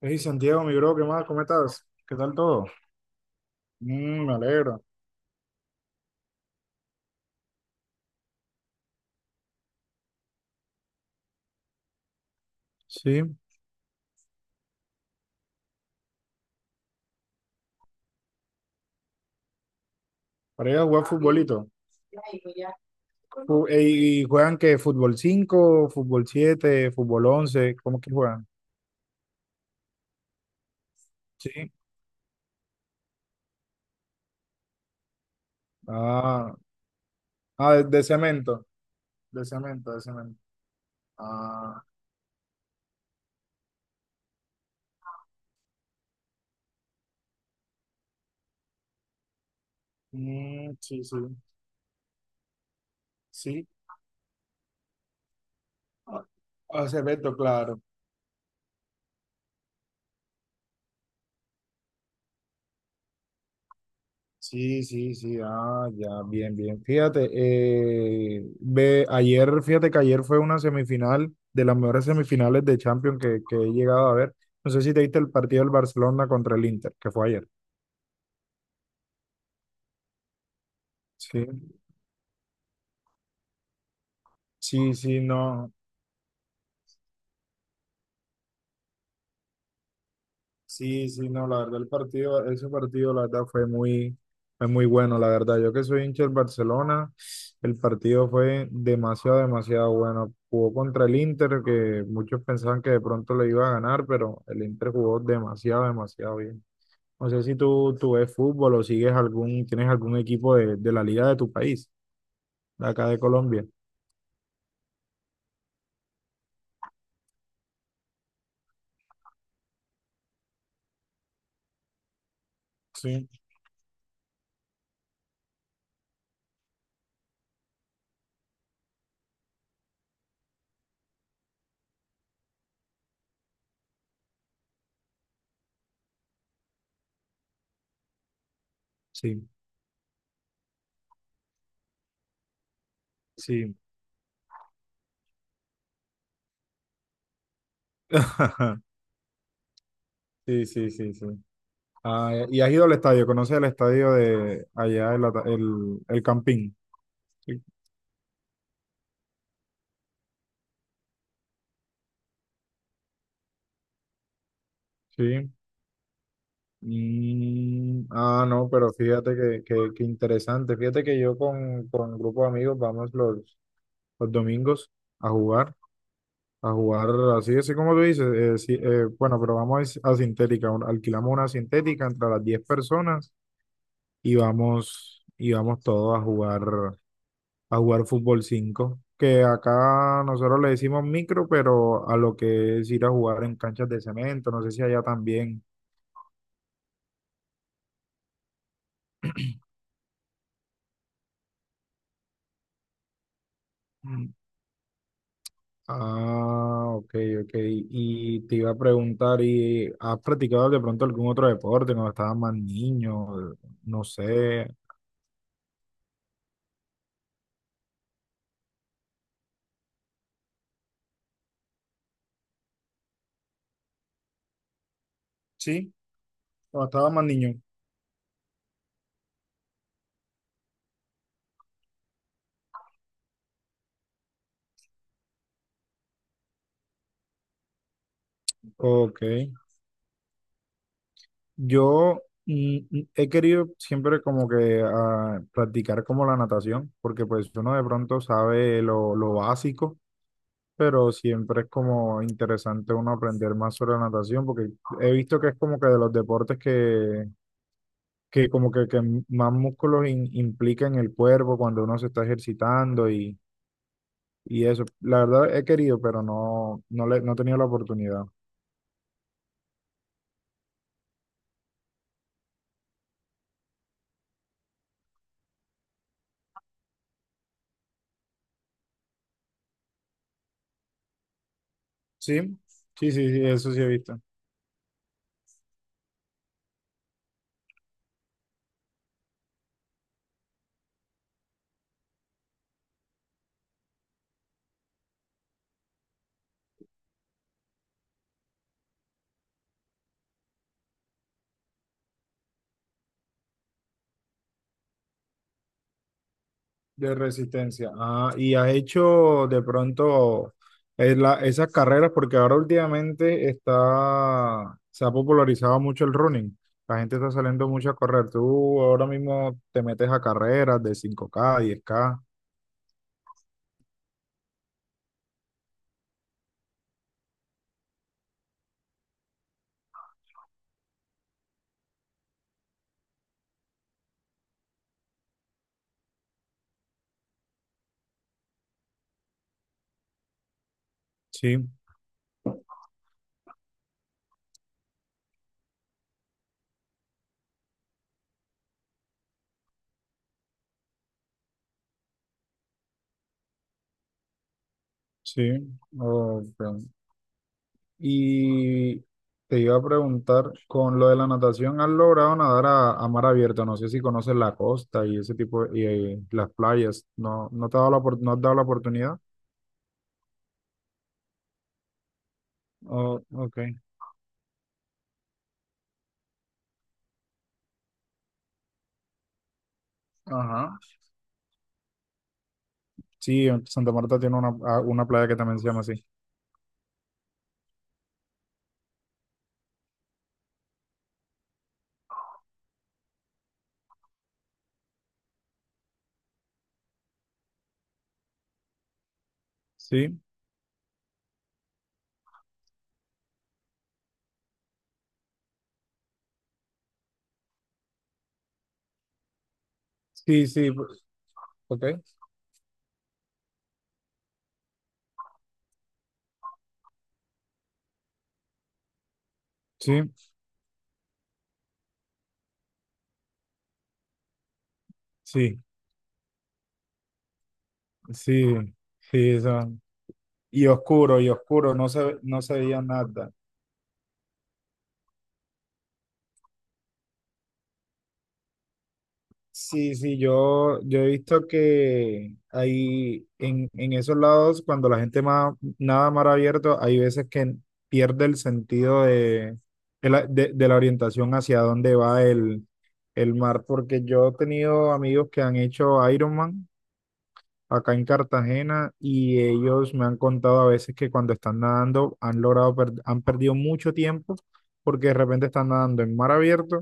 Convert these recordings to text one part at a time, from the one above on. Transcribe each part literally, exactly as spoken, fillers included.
Hey Santiago, mi bro, ¿qué más? ¿Cómo estás? ¿Qué tal todo? Mm, me alegro. Sí, para ir a jugar futbolito. Fu- ¿Y y juegan qué? ¿Fútbol cinco, fútbol siete, fútbol once? ¿Cómo que juegan? Sí. Ah, ah, de, de cemento, de cemento, de cemento. Ah, mm, sí, sí. Sí, ah, cemento, claro. Sí, sí, sí, ah, ya, bien, bien. Fíjate, eh, ve, ayer, fíjate que ayer fue una semifinal de las mejores semifinales de Champions que, que he llegado a ver. No sé si te viste el partido del Barcelona contra el Inter, que fue ayer. Sí, sí, sí, no. Sí, sí, no, la verdad el partido, ese partido la verdad fue muy, fue muy, bueno, la verdad. Yo que soy hincha del Barcelona, el partido fue demasiado, demasiado bueno. Jugó contra el Inter, que muchos pensaban que de pronto le iba a ganar, pero el Inter jugó demasiado, demasiado bien. No sé si tú, tú, ves fútbol o sigues algún, tienes algún equipo de, de la liga de tu país, de acá de Colombia. Sí. Sí, sí. Sí, sí, sí, sí. Ah, y has ido al estadio, conoces el estadio de allá, el, ata- el, el Campín. Sí. Sí. Mm, ah, no, pero fíjate que, que, que, interesante. Fíjate que yo con, con un grupo de amigos vamos los, los, domingos a jugar, a jugar así, así como tú dices. eh, sí, eh, bueno, pero vamos a, a, sintética, un- alquilamos una sintética entre las diez personas y vamos, y vamos, todos a jugar, a jugar fútbol cinco que acá nosotros le decimos micro, pero a lo que es ir a jugar en canchas de cemento, no sé si allá también. Mm. Ah, ok, ok. Y te iba a preguntar, ¿y has practicado de pronto algún otro deporte cuando estabas más niño? No sé. Sí, cuando estaba más niño. Ok. Yo mm, mm, he querido siempre como que ah, practicar como la natación, porque pues uno de pronto sabe lo, lo, básico, pero siempre es como interesante uno aprender más sobre la natación, porque he visto que es como que de los deportes que, que como que, que más músculos in- implica en el cuerpo cuando uno se está ejercitando y, y eso. La verdad he querido, pero no, no, le, no he tenido la oportunidad. Sí, sí, sí, sí, eso sí he visto. De resistencia. Ah, y has hecho de pronto eh, la- esas carreras, porque ahora últimamente está, se ha popularizado mucho el running. La gente está saliendo mucho a correr. Tú ahora mismo te metes a carreras de cinco k diez k. Sí, sí. Oh, ok. Y te iba a preguntar, con lo de la natación, ¿has logrado nadar a, a, mar abierto? No sé si conoces la costa y ese tipo, y, eh, las playas. ¿No, no te ha dado la, opor- no has dado la oportunidad? Oh, ok. Ajá. Sí, Santa Marta tiene una, a- una playa que también se llama así. Sí, sí, sí. Ok. Sí, sí, sí, sí. esa- Y oscuro, y oscuro, no se, no se veía nada. Sí, sí, yo, yo, he visto que hay en, en esos lados, cuando la gente más, nada mar abierto, hay veces que pierde el sentido de, de la, de- de la orientación hacia dónde va el, el mar, porque yo he tenido amigos que han hecho Ironman acá en Cartagena y ellos me han contado a veces que cuando están nadando han logrado, per- han perdido mucho tiempo porque de repente están nadando en mar abierto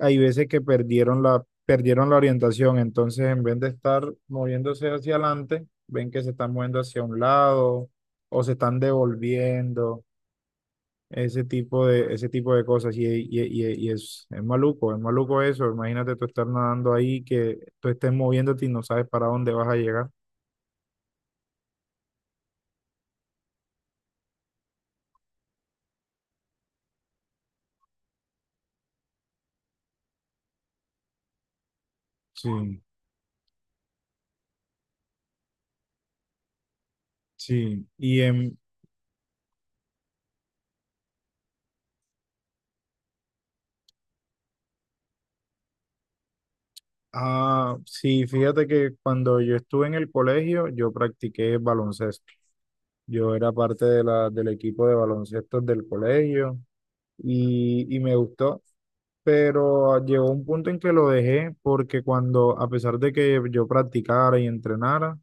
hay veces que perdieron la, perdieron la, orientación, entonces en vez de estar moviéndose hacia adelante, ven que se están moviendo hacia un lado o se están devolviendo, ese tipo de, ese tipo de cosas. Y, y- y- y es, es maluco, es maluco eso. Imagínate tú estar nadando ahí, que tú estés moviéndote y no sabes para dónde vas a llegar. Sí, sí. Y en, ah, sí, fíjate que cuando yo estuve en el colegio, yo practiqué baloncesto. Yo era parte de la, del equipo de baloncesto del colegio y, y me gustó, pero llegó un punto en que lo dejé porque cuando, a pesar de que yo practicara y entrenara,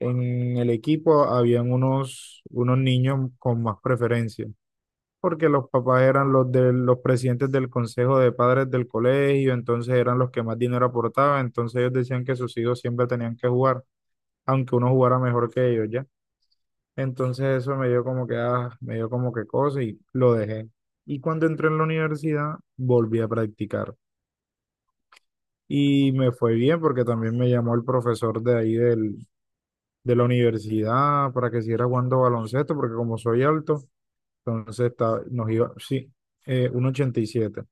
en el equipo habían unos, unos niños con más preferencia, porque los papás eran los de los presidentes del consejo de padres del colegio, entonces eran los que más dinero aportaban, entonces ellos decían que sus hijos siempre tenían que jugar, aunque uno jugara mejor que ellos, ¿ya? Entonces eso me dio como que, ah, me dio como que cosa y lo dejé. Y cuando entré en la universidad, volví a practicar. Y me fue bien porque también me llamó el profesor de ahí del, de la universidad para que siguiera jugando baloncesto, porque como soy alto, entonces está- nos iba, sí, eh, uno ochenta y siete.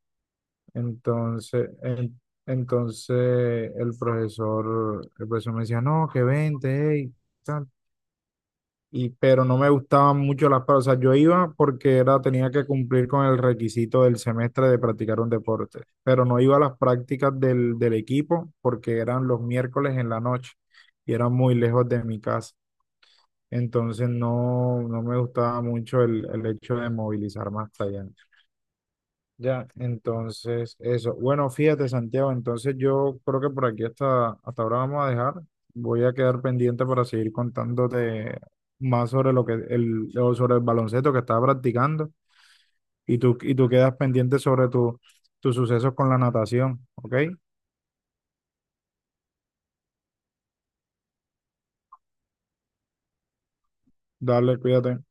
Entonces, en- entonces el profesor, el profesor me decía, no, que vente, hey. Y pero no me gustaban mucho las prácticas. O sea, yo iba porque era, tenía que cumplir con el requisito del semestre de practicar un deporte, pero no iba a las prácticas del, del, equipo porque eran los miércoles en la noche y eran muy lejos de mi casa. Entonces no, no me gustaba mucho el, el, hecho de movilizarme hasta allá. Ya, entonces eso. Bueno, fíjate, Santiago, entonces yo creo que por aquí hasta, hasta ahora vamos a dejar. Voy a quedar pendiente para seguir contándote más sobre lo que el, o sobre el baloncesto que estaba practicando y tú, y tú, quedas pendiente sobre tu, tus sucesos con la natación, ¿ok? Dale, cuídate.